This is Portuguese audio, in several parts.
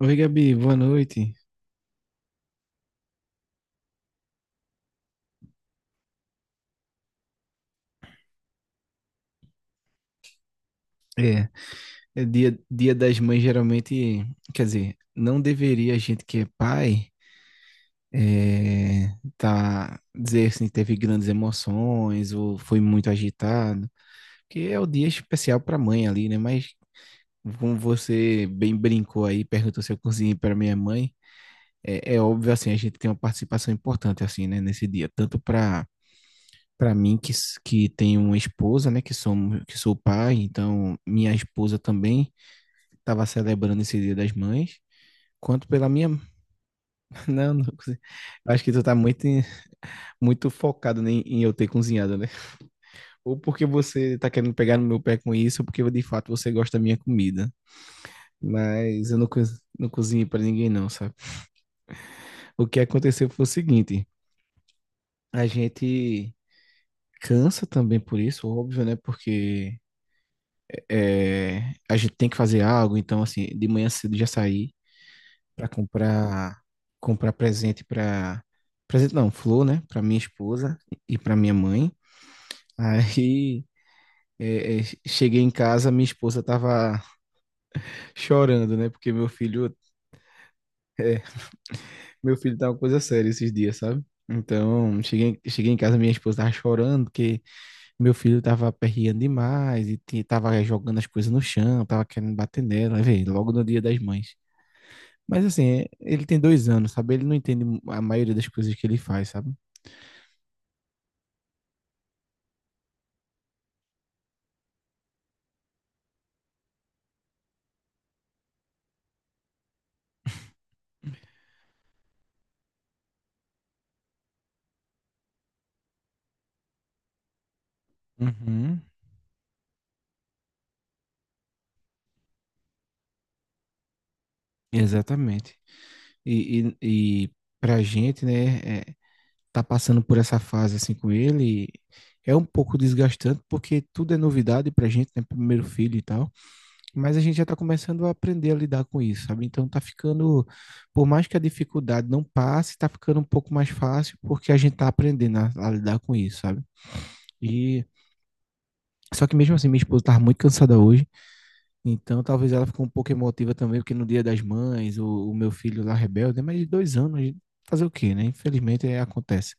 Oi, Gabi, boa noite. É, é dia das mães geralmente, quer dizer, não deveria a gente que é pai é, tá dizer assim, teve grandes emoções ou foi muito agitado, que é o dia especial para mãe ali, né? Mas como você bem brincou aí, perguntou se eu cozinhei para minha mãe, é óbvio assim, a gente tem uma participação importante assim, né, nesse dia, tanto para mim que tenho uma esposa, né, que sou pai, então minha esposa também tava celebrando esse Dia das Mães, quanto pela minha. Não, não consegui. Acho que tu tá muito focado, né, em eu ter cozinhado, né? Ou porque você tá querendo pegar no meu pé com isso, ou porque de fato você gosta da minha comida. Mas eu não, co- não cozinhei pra ninguém, não, sabe? O que aconteceu foi o seguinte: a gente cansa também por isso, óbvio, né? Porque é, a gente tem que fazer algo, então, assim, de manhã cedo já saí. Para comprar presente não, flor, né, para minha esposa e para minha mãe. Aí cheguei em casa, minha esposa tava chorando, né, porque meu filho tá uma coisa séria esses dias, sabe? Então, cheguei em casa, minha esposa tava chorando, porque meu filho tava aperreando demais e tava jogando as coisas no chão, tava querendo bater nela, aí, vê, logo no dia das mães. Mas assim, ele tem dois anos, sabe? Ele não entende a maioria das coisas que ele faz, sabe? Uhum. Exatamente. E pra gente, né, tá passando por essa fase assim com ele, é um pouco desgastante, porque tudo é novidade pra gente, né, primeiro filho e tal, mas a gente já tá começando a aprender a lidar com isso, sabe? Então tá ficando, por mais que a dificuldade não passe, tá ficando um pouco mais fácil, porque a gente tá aprendendo a lidar com isso, sabe? E só que mesmo assim, minha esposa tava muito cansada hoje. Então, talvez ela ficou um pouco emotiva também, porque no Dia das Mães, o meu filho lá rebelde, né, mas de dois anos, fazer o quê, né? Infelizmente acontece.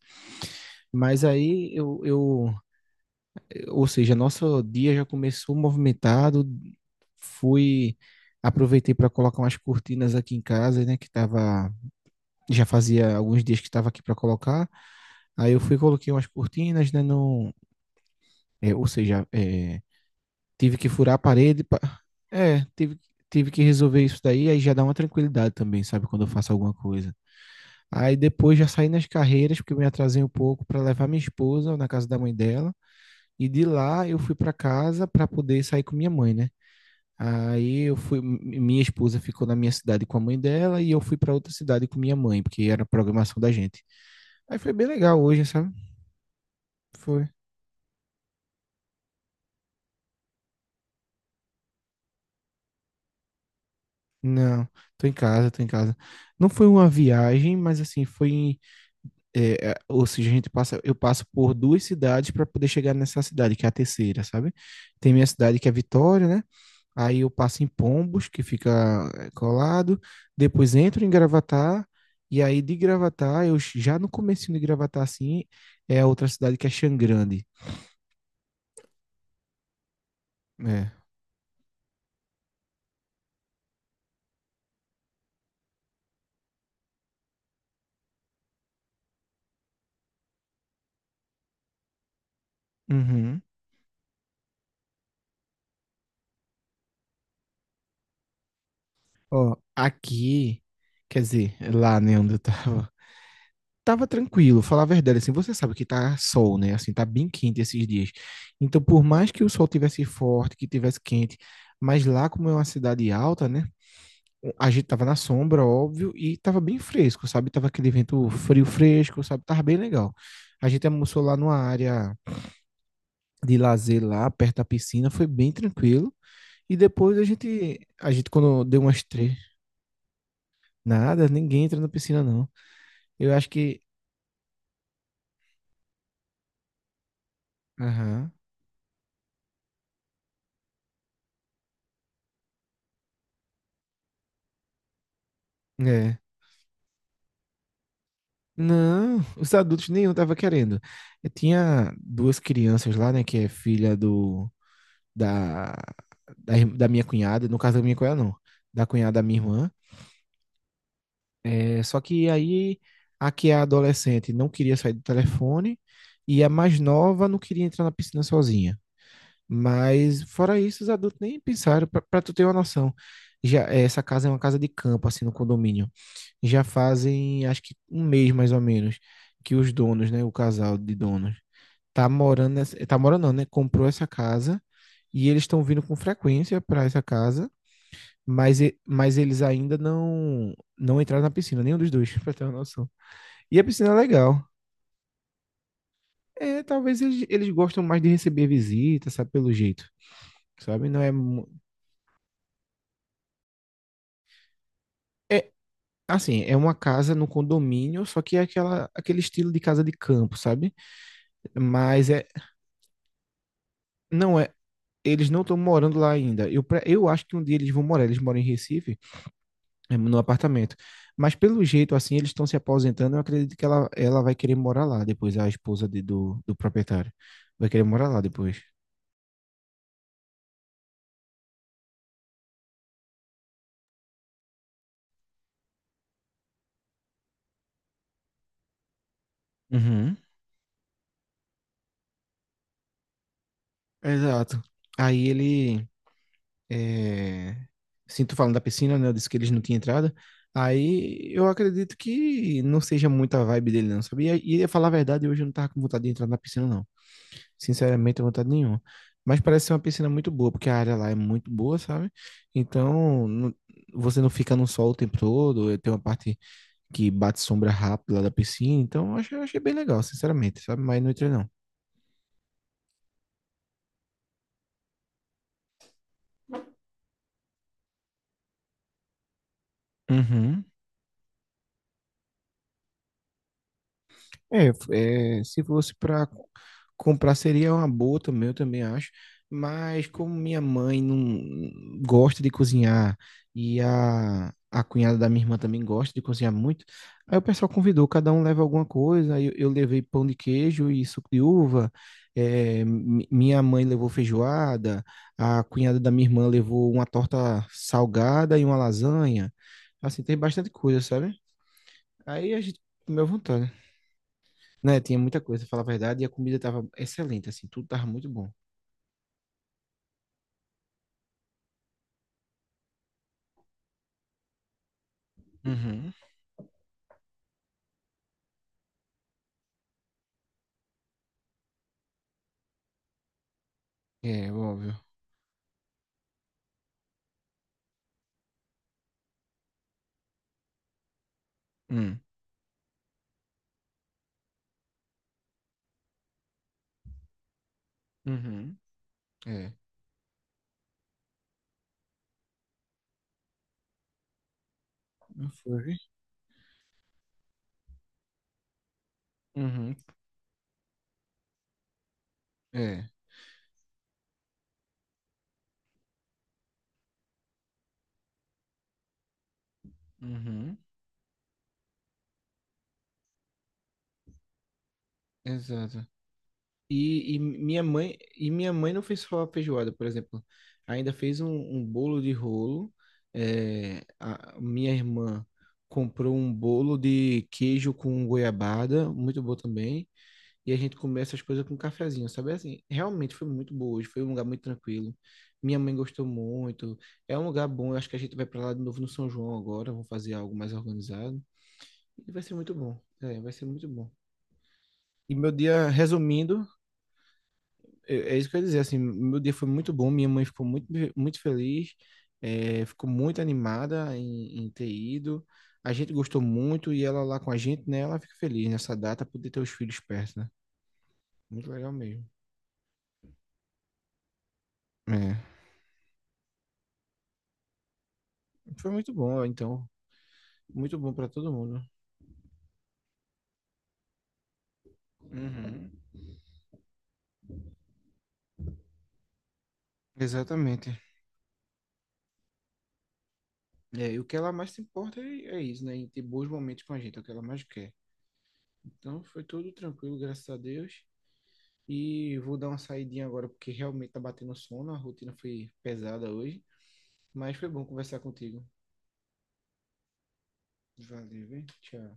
Mas ou seja, nosso dia já começou movimentado, fui, aproveitei para colocar umas cortinas aqui em casa, né? Que tava, já fazia alguns dias que estava aqui para colocar. Aí eu fui, coloquei umas cortinas, né? No, é, ou seja, é, Tive que furar a parede. É, tive, tive que resolver isso daí. Aí já dá uma tranquilidade também, sabe? Quando eu faço alguma coisa. Aí depois já saí nas carreiras, porque eu me atrasei um pouco para levar minha esposa na casa da mãe dela. E de lá eu fui para casa para poder sair com minha mãe, né? Aí eu fui. Mi- Minha esposa ficou na minha cidade com a mãe dela e eu fui para outra cidade com minha mãe, porque era a programação da gente. Aí foi bem legal hoje, sabe? Foi. Não, tô em casa. Não foi uma viagem, mas assim, ou seja, eu passo por duas cidades para poder chegar nessa cidade, que é a terceira, sabe? Tem minha cidade que é Vitória, né? Aí eu passo em Pombos, que fica colado, depois entro em Gravatar, e aí de Gravatar, já no comecinho de Gravatar, assim, é a outra cidade que é Xangrande. É. Uhum. Ó, quer dizer, lá, né, onde eu tava, tava tranquilo, falar a verdade, assim, você sabe que tá sol, né? Assim, tá bem quente esses dias. Então, por mais que o sol tivesse forte, que tivesse quente, mas lá como é uma cidade alta, né? A gente tava na sombra, óbvio, e tava bem fresco, sabe? Tava aquele vento frio fresco, sabe? Tava bem legal. A gente almoçou lá numa área de lazer lá, perto da piscina, foi bem tranquilo. E depois a gente quando deu umas três, nada, ninguém entra na piscina não. Eu acho que, aham, é. Não, os adultos nenhum tava querendo. Eu tinha duas crianças lá, né, que é filha do da da, ir- da minha cunhada, no caso da minha cunhada não, da cunhada da minha irmã. É, só que aí a que é adolescente não queria sair do telefone e a mais nova não queria entrar na piscina sozinha. Mas fora isso, os adultos nem pensaram, pra tu ter uma noção. Já essa casa é uma casa de campo assim no condomínio já fazem, acho que um mês mais ou menos, que os donos, né, o casal de donos, tá morando não, né, comprou essa casa e eles estão vindo com frequência para essa casa, mas eles ainda não entraram na piscina, nenhum dos dois, pra ter uma noção. E a piscina é legal. É, talvez eles gostam mais de receber visitas, sabe, pelo jeito, sabe? Não é, mu- é assim, é uma casa no condomínio, só que é aquele estilo de casa de campo, sabe? Mas é, não é, eles não estão morando lá ainda. Eu acho que um dia eles vão morar, eles moram em Recife, no apartamento. Mas pelo jeito, assim, eles estão se aposentando, eu acredito que ela vai querer morar lá depois, a do proprietário. Vai querer morar lá depois. Uhum. Exato. Aí ele. É... Assim, tu falando da piscina, né? Eu disse que eles não tinham entrada. Aí eu acredito que não seja muita a vibe dele, não, sabia? Pra falar a verdade, hoje eu não tava com vontade de entrar na piscina, não. Sinceramente, não tenho vontade nenhuma. Mas parece ser uma piscina muito boa, porque a área lá é muito boa, sabe? Então, não- você não fica no sol o tempo todo. Tem uma parte que bate sombra rápido lá da piscina. Então, eu achei bem legal, sinceramente, sabe? Mas não entrei, não. Uhum. Se fosse para comprar seria uma boa também, eu também acho. Mas como minha mãe não gosta de cozinhar e a cunhada da minha irmã também gosta de cozinhar muito, aí o pessoal convidou, cada um leva alguma coisa. Aí eu levei pão de queijo e suco de uva. Minha mãe levou feijoada, a cunhada da minha irmã levou uma torta salgada e uma lasanha. Assim, tem bastante coisa, sabe? Aí a gente comeu à vontade. Né, tinha muita coisa, pra falar a verdade, e a comida tava excelente, assim, tudo tava muito bom. Uhum. É, óbvio. Hum. Uhum. É. Não foi? Uhum. É. Uhum. Exato. E e minha mãe não fez só a feijoada, por exemplo. Ainda fez um, um bolo de rolo. É, a minha irmã comprou um bolo de queijo com goiabada, muito bom também. E a gente comeu essas coisas com um cafezinho, sabe? Assim, realmente foi muito boa hoje, foi um lugar muito tranquilo. Minha mãe gostou muito. É um lugar bom, eu acho que a gente vai para lá de novo no São João agora, vamos fazer algo mais organizado. E vai ser muito bom. É, vai ser muito bom. E meu dia, resumindo, é isso que eu ia dizer, assim, meu dia foi muito bom, minha mãe ficou muito feliz, ficou muito animada em ter ido. A gente gostou muito e ela lá com a gente, né? Ela fica feliz nessa data, poder ter os filhos perto, né? Muito legal mesmo. É. Foi muito bom, então. Muito bom para todo mundo. Uhum. Exatamente. É, e o que ela mais se importa é isso, né? Em ter bons momentos com a gente, é o que ela mais quer. Então foi tudo tranquilo, graças a Deus. E vou dar uma saidinha agora, porque realmente tá batendo sono, a rotina foi pesada hoje. Mas foi bom conversar contigo. Valeu, hein? Tchau.